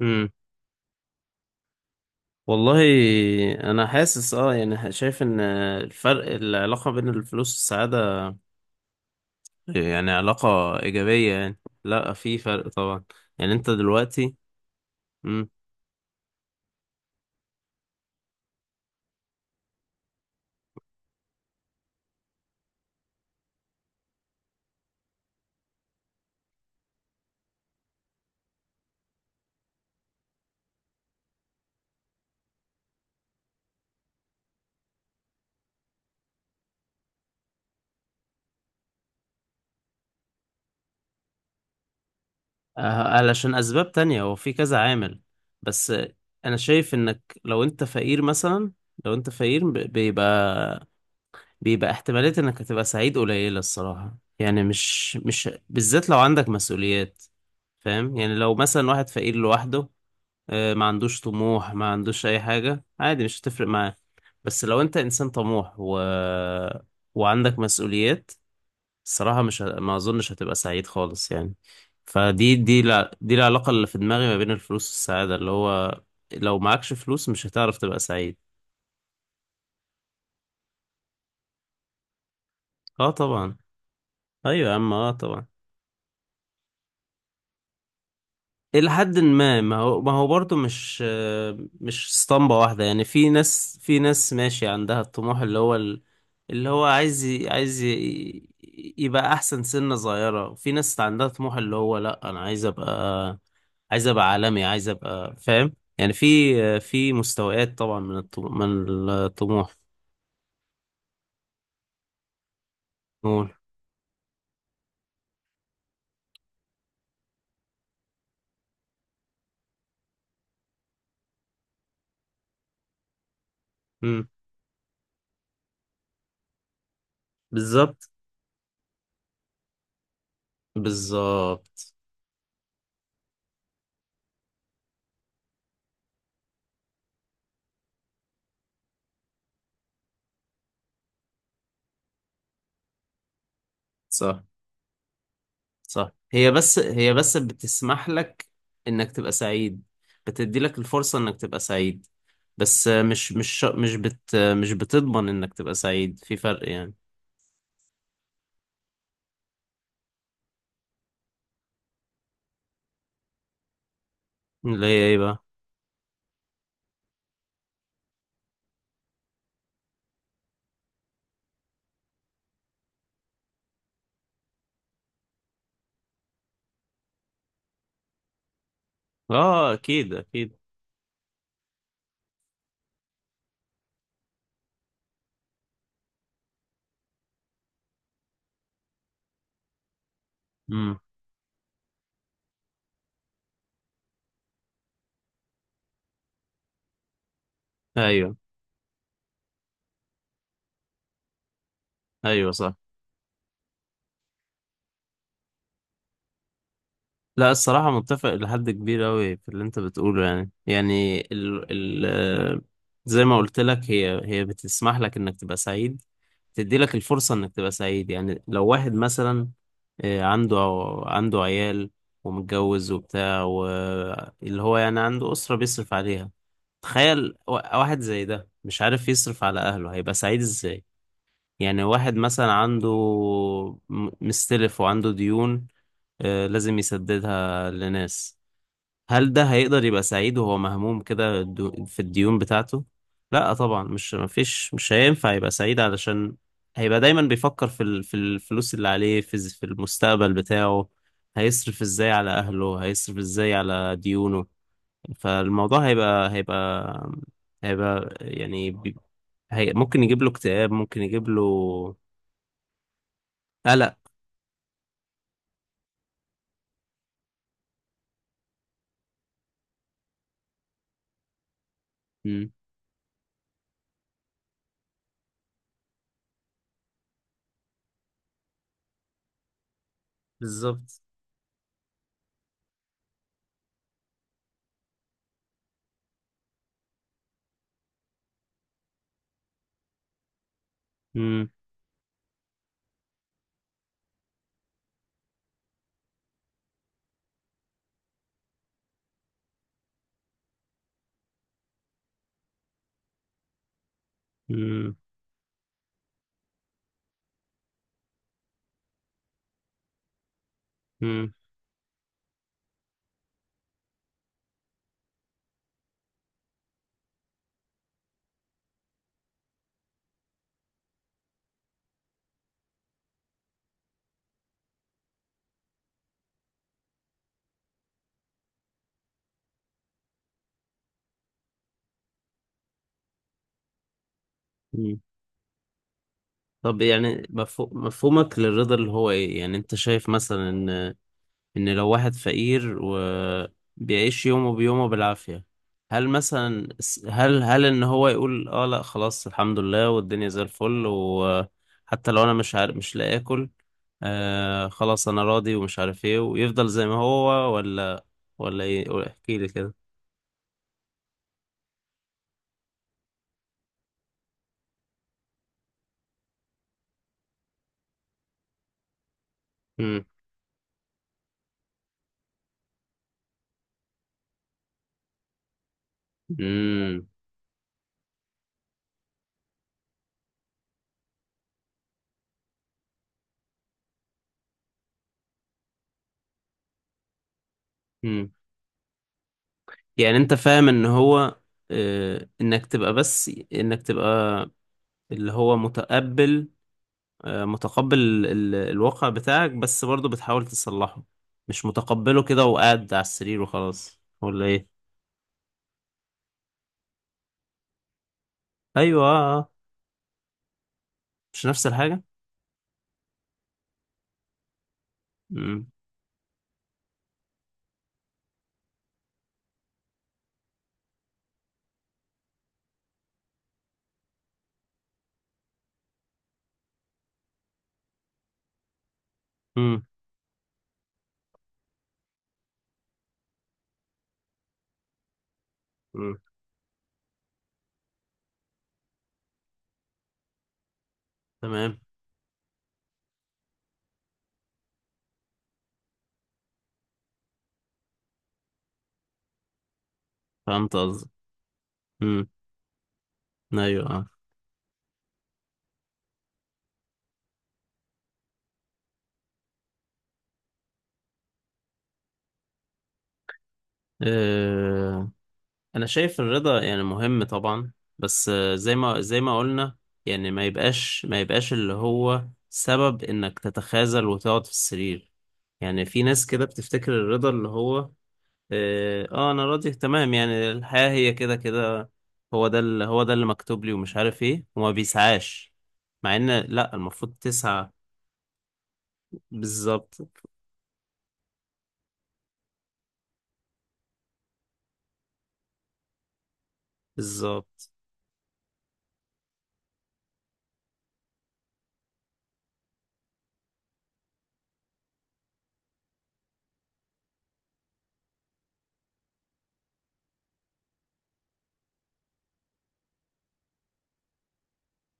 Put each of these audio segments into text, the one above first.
امم والله، انا حاسس يعني شايف ان الفرق العلاقة بين الفلوس والسعادة، يعني علاقة ايجابية، يعني لا، في فرق طبعا. يعني انت دلوقتي. امم علشان اسباب تانية، هو في كذا عامل بس. انا شايف انك لو انت فقير مثلا، لو انت فقير بيبقى احتمالية انك هتبقى سعيد قليلة الصراحة، يعني مش بالذات لو عندك مسؤوليات. فاهم؟ يعني لو مثلا واحد فقير لوحده، ما عندوش طموح، ما عندوش اي حاجة، عادي مش هتفرق معاه. بس لو انت انسان طموح وعندك مسؤوليات، الصراحة مش ه... ما اظنش هتبقى سعيد خالص يعني. دي العلاقة اللي في دماغي ما بين الفلوس والسعادة، اللي هو لو معكش فلوس مش هتعرف تبقى سعيد. اه طبعا. ايوه يا عم، اه طبعا. إلى حد ما، ما هو برضه مش اسطمبة واحدة يعني. في ناس ماشي عندها الطموح اللي هو اللي هو يبقى أحسن سنة صغيرة، وفي ناس عندها طموح اللي هو لأ، أنا عايز أبقى، عالمي، عايز أبقى فاهم يعني. في مستويات طبعا، من الطموح، من الطموح. نقول. مم. بالظبط، بالظبط. صح، صح. هي بس بتسمح لك انك تبقى سعيد، بتدي لك الفرصة انك تبقى سعيد. بس مش بتضمن انك تبقى سعيد، في فرق يعني. اللي هي ايه بقى؟ اه، اكيد، اكيد. امم. ايوه، ايوه، صح. لا، الصراحة متفق لحد كبير أوي في اللي أنت بتقوله، يعني، يعني ال ال آه، زي ما قلت لك، هي بتسمح لك إنك تبقى سعيد، تدي لك الفرصة إنك تبقى سعيد. يعني لو واحد مثلا آه، عنده عنده عيال ومتجوز وبتاع، واللي هو يعني عنده أسرة بيصرف عليها. تخيل واحد زي ده مش عارف يصرف على أهله، هيبقى سعيد إزاي؟ يعني واحد مثلا عنده مستلف وعنده ديون، لازم يسددها لناس. هل ده هيقدر يبقى سعيد وهو مهموم كده في الديون بتاعته؟ لا طبعا، مش مفيش مش هينفع يبقى سعيد، علشان هيبقى دايما بيفكر في في الفلوس اللي عليه، في في المستقبل بتاعه، هيصرف ازاي على اهله، هيصرف ازاي على ديونه. فالموضوع هيبقى، هي ممكن يجيب له اكتئاب، ممكن يجيب له قلق. مم. بالظبط. مم. مم. مم. مم. طب يعني مفهومك للرضا اللي هو ايه؟ يعني انت شايف مثلا ان لو واحد فقير وبيعيش يومه بيومه بالعافية، هل مثلا هل ان هو يقول: اه لا خلاص، الحمد لله، والدنيا زي الفل، وحتى لو انا مش عارف، مش لاقي اكل، آه خلاص انا راضي ومش عارف ايه، ويفضل زي ما هو؟ ولا ايه؟ احكي لي كده. مم. مم. مم. يعني انت فاهم ان هو انك تبقى اللي هو متقبل، متقبل الواقع بتاعك، بس برضه بتحاول تصلحه، مش متقبله كده وقاعد على السرير وخلاص، ولا ايه؟ ايوه، آه، آه. مش نفس الحاجة. امم. امم. أمم. تمام، فهمت قصدك. امم. ايوه، آه. آه، انا شايف الرضا يعني مهم طبعا، بس زي ما قلنا، يعني ما يبقاش اللي هو سبب انك تتخاذل وتقعد في السرير. يعني في ناس كده بتفتكر الرضا اللي هو انا راضي تمام، يعني الحياة هي كده كده، هو ده اللي مكتوب لي، ومش عارف ايه، وما بيسعاش، مع ان لا، المفروض تسعى. بالظبط. بالظبط.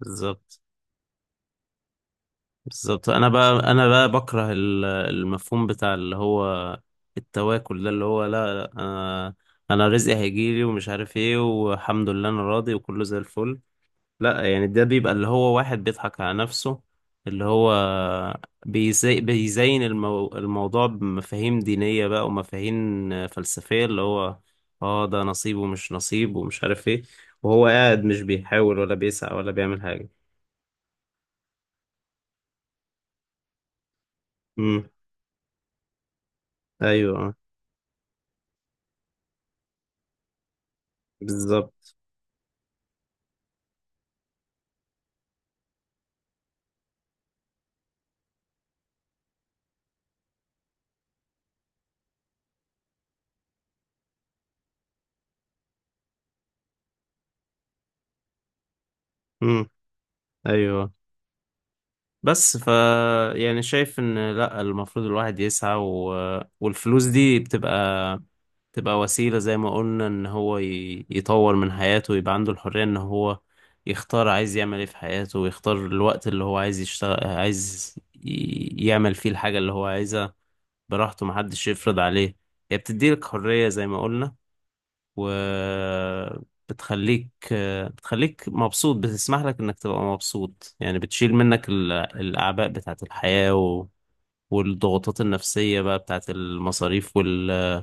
بالظبط. بالظبط. انا بقى بكره المفهوم بتاع اللي هو التواكل ده، اللي هو لا، لا، انا رزقي هيجيلي، ومش عارف ايه، والحمد لله انا راضي، وكله زي الفل. لا، يعني ده بيبقى اللي هو واحد بيضحك على نفسه، اللي هو بيزين الموضوع بمفاهيم دينية بقى، ومفاهيم فلسفية، اللي هو اه ده نصيب ومش نصيب ومش عارف ايه، وهو قاعد مش بيحاول ولا بيسعى ولا بيعمل حاجة. امم ايوه، بالظبط. امم ايوه. بس يعني شايف ان لا، المفروض الواحد يسعى، والفلوس دي بتبقى، تبقى وسيلة زي ما قلنا ان هو يطور من حياته، ويبقى عنده الحرية ان هو يختار عايز يعمل ايه في حياته، ويختار الوقت اللي هو عايز يشتغل، عايز يعمل فيه الحاجة اللي هو عايزها، براحته، محدش يفرض عليه. هي بتديلك حرية زي ما قلنا، وبتخليك مبسوط، بتسمح لك انك تبقى مبسوط، يعني بتشيل منك الاعباء بتاعت الحياة والضغوطات النفسية بقى بتاعت المصاريف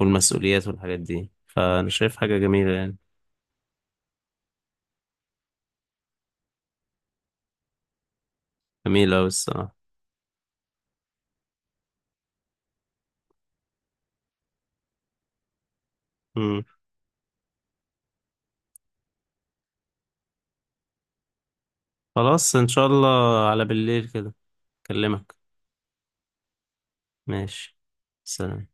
والمسؤوليات والحاجات دي، فأنا شايف حاجة جميلة يعني. جميلة أوي الصراحة. مم. خلاص إن شاء الله، على بالليل كده أكلمك. ماشي، سلام.